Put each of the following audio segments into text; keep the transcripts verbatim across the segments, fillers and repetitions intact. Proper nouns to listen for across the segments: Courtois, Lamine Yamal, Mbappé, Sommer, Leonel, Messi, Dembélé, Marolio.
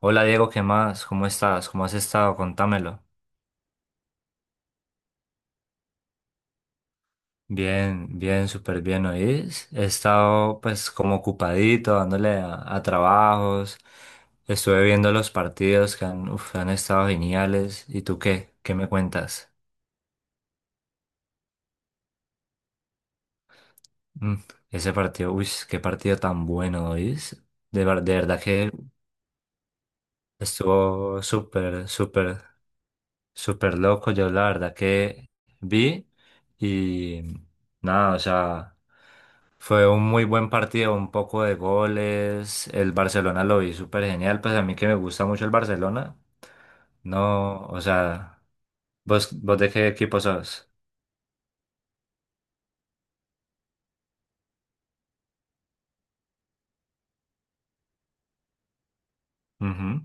Hola Diego, ¿qué más? ¿Cómo estás? ¿Cómo has estado? Contámelo. Bien, bien, súper bien, ¿oís? He estado pues como ocupadito, dándole a, a trabajos. Estuve viendo los partidos que han, uf, han estado geniales. ¿Y tú qué? ¿Qué me cuentas? Mm, ese partido, uy, qué partido tan bueno, ¿oís? De, ver- de verdad que estuvo súper, súper, súper loco. Yo la verdad que vi y nada, o sea... Fue un muy buen partido, un poco de goles. El Barcelona lo vi súper genial. Pues a mí que me gusta mucho el Barcelona. No, o sea, ¿vos, vos de qué equipo sos? Ujú.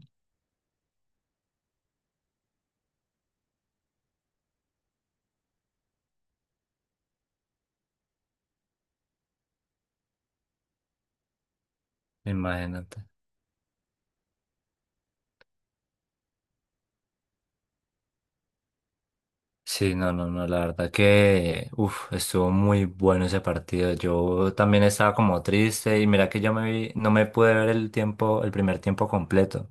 Imagínate. Sí, no, no, no, la verdad que, uf, estuvo muy bueno ese partido. Yo también estaba como triste y mira que yo me vi, no me pude ver el tiempo, el primer tiempo completo.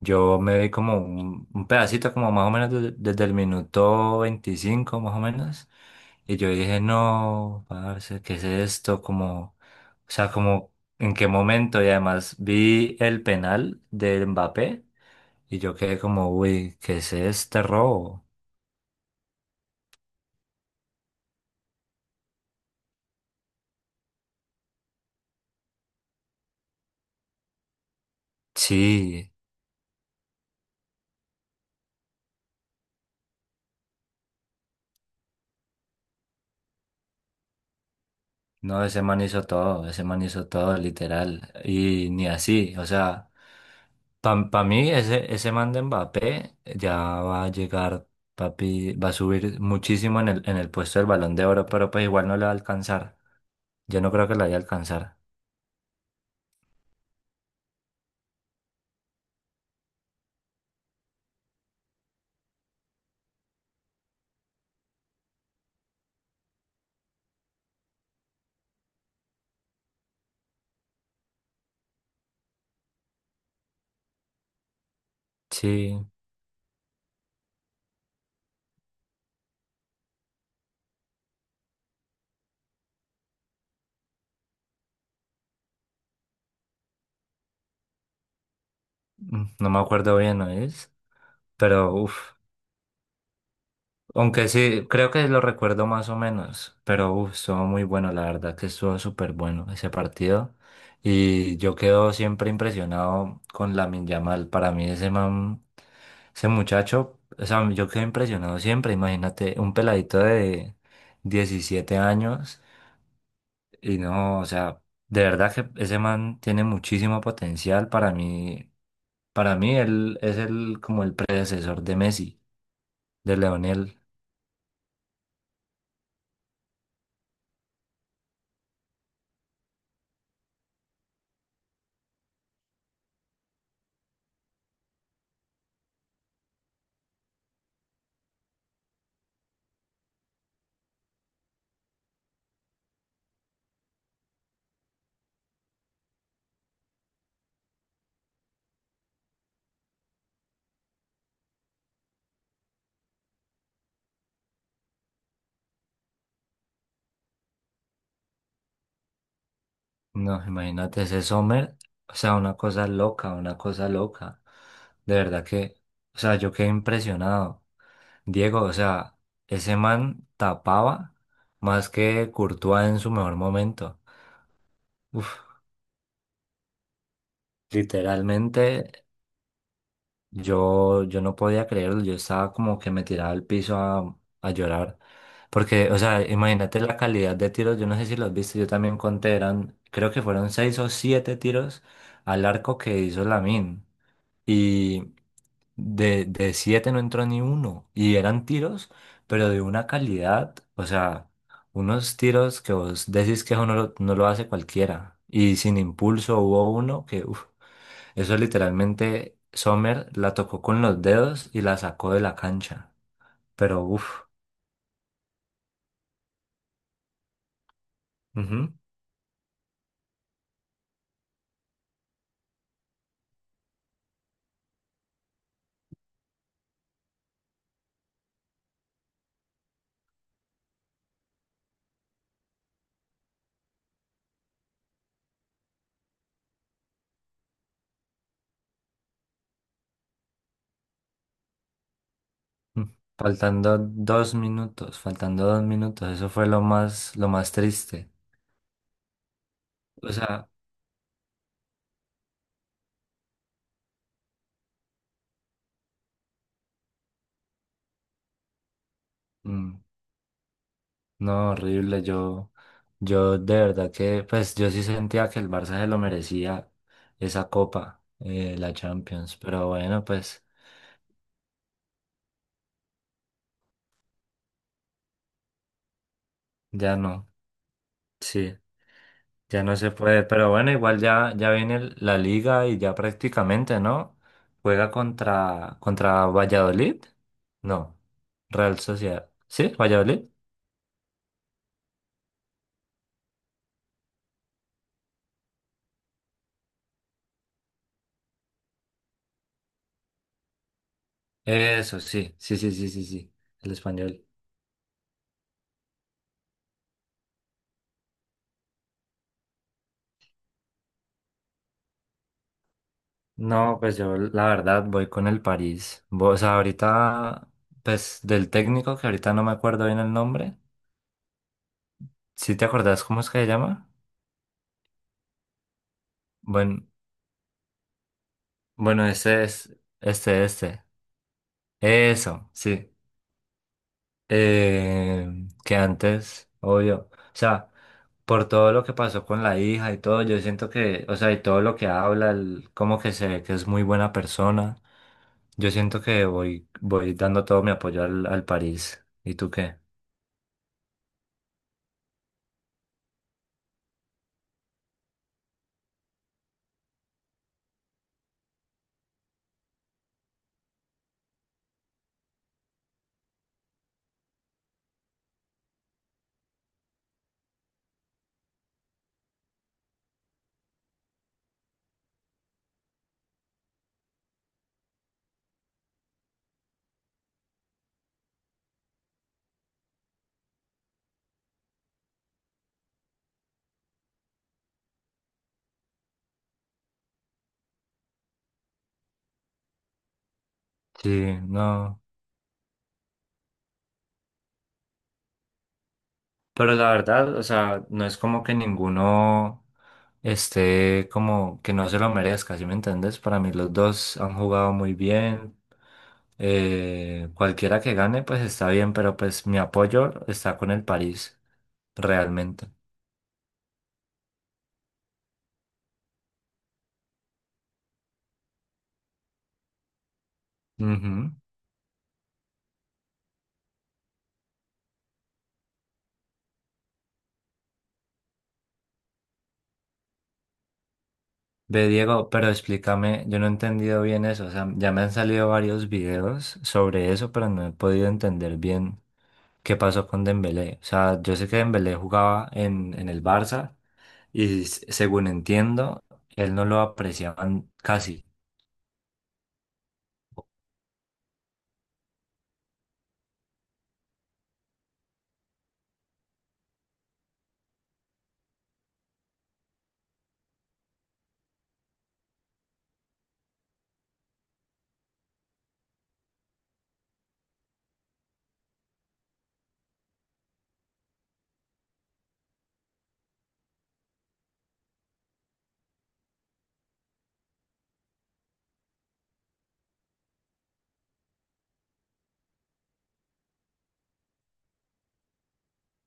Yo me vi como un, un pedacito, como más o menos de- desde el minuto veinticinco más o menos. Y yo dije, no, parce, ¿qué es esto? Como, o sea, como, ¿en qué momento? Y además vi el penal de Mbappé y yo quedé como, uy, ¿qué es este robo? Sí, no, ese man hizo todo, ese man hizo todo, literal. Y ni así, o sea. Para mí, ese, ese man de Mbappé ya va a llegar, papi, va a subir muchísimo en el, en el puesto del Balón de Oro, pero pues igual no le va a alcanzar. Yo no creo que le vaya a alcanzar. Sí, mm, no me acuerdo bien, ¿no es? Pero, uff. Aunque sí, creo que lo recuerdo más o menos, pero uf, estuvo muy bueno, la verdad que estuvo súper bueno ese partido. Y yo quedo siempre impresionado con Lamine Yamal. Para mí ese man, ese muchacho, o sea, yo quedo impresionado siempre. Imagínate, un peladito de diecisiete años y no, o sea, de verdad que ese man tiene muchísimo potencial. Para mí, para mí él es el como el predecesor de Messi, de Leonel. No, imagínate ese Sommer, o sea, una cosa loca, una cosa loca. De verdad que, o sea, yo quedé impresionado. Diego, o sea, ese man tapaba más que Courtois en su mejor momento. Uf, literalmente yo, yo no podía creerlo, yo estaba como que me tiraba al piso a, a llorar. Porque, o sea, imagínate la calidad de tiros, yo no sé si los viste, yo también conté, eran, creo que fueron seis o siete tiros al arco que hizo Lamine. Y de, de siete no entró ni uno. Y eran tiros, pero de una calidad, o sea, unos tiros que vos decís que eso no lo, no lo hace cualquiera. Y sin impulso hubo uno que, uf, eso literalmente Sommer la tocó con los dedos y la sacó de la cancha. Pero uff, mm. Faltando dos minutos, faltando dos minutos, eso fue lo más, lo más triste. O sea, mm, no, horrible. Yo, yo de verdad que, pues yo sí sentía que el Barça se lo merecía esa copa, eh, la Champions. Pero bueno, pues ya no. Sí, ya no se puede. Pero bueno, igual ya, ya viene el- la liga y ya prácticamente, ¿no? Juega contra, contra Valladolid. No, Real Sociedad. ¿Sí? ¿Valladolid? Eso, sí, sí, sí, sí, sí, sí. El español. No, pues yo la verdad voy con el París. Vo- O sea, ahorita, pues del técnico, que ahorita no me acuerdo bien el nombre. ¿Sí te acordás cómo es que se llama? Bueno, bueno, ese es, este, este. Eso, sí. Eh, que antes, obvio. O sea, por todo lo que pasó con la hija y todo, yo siento que, o sea, y todo lo que habla, el- como que se ve que es muy buena persona. Yo siento que voy, voy dando todo mi apoyo al, al París. ¿Y tú qué? Sí, no. Pero la verdad, o sea, no es como que ninguno esté como que no se lo merezca, ¿sí me entiendes? Para mí los dos han jugado muy bien. Eh, cualquiera que gane, pues está bien, pero pues mi apoyo está con el París, realmente. Ujú. Ve, Diego, pero explícame, yo no he entendido bien eso, o sea, ya me han salido varios videos sobre eso, pero no he podido entender bien ¿qué pasó con Dembélé? O sea, yo sé que Dembélé jugaba en, en el Barça y s- según entiendo, él no lo apreciaban casi.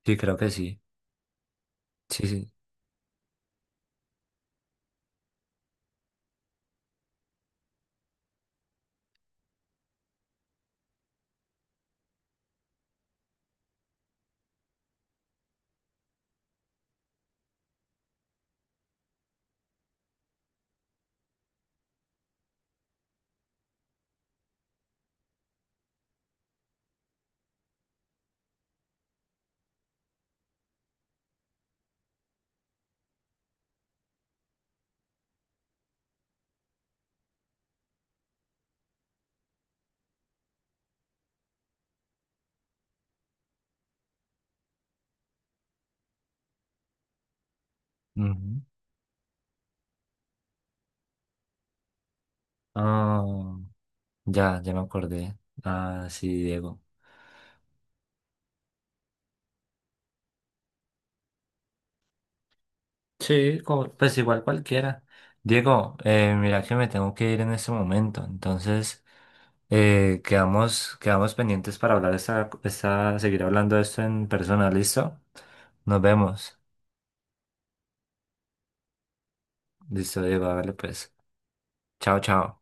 Sí, creo que sí. Sí, sí. Ujú. Ah, ya, ya me acordé. Ah, sí, Diego. Sí, como- pues igual cualquiera. Diego, eh, mira que me tengo que ir en este momento, entonces eh, quedamos, quedamos pendientes para hablar esta, esta, seguir hablando de esto en persona, ¿listo? Nos vemos. Listo, Diego, hágale pues. Chao, chao.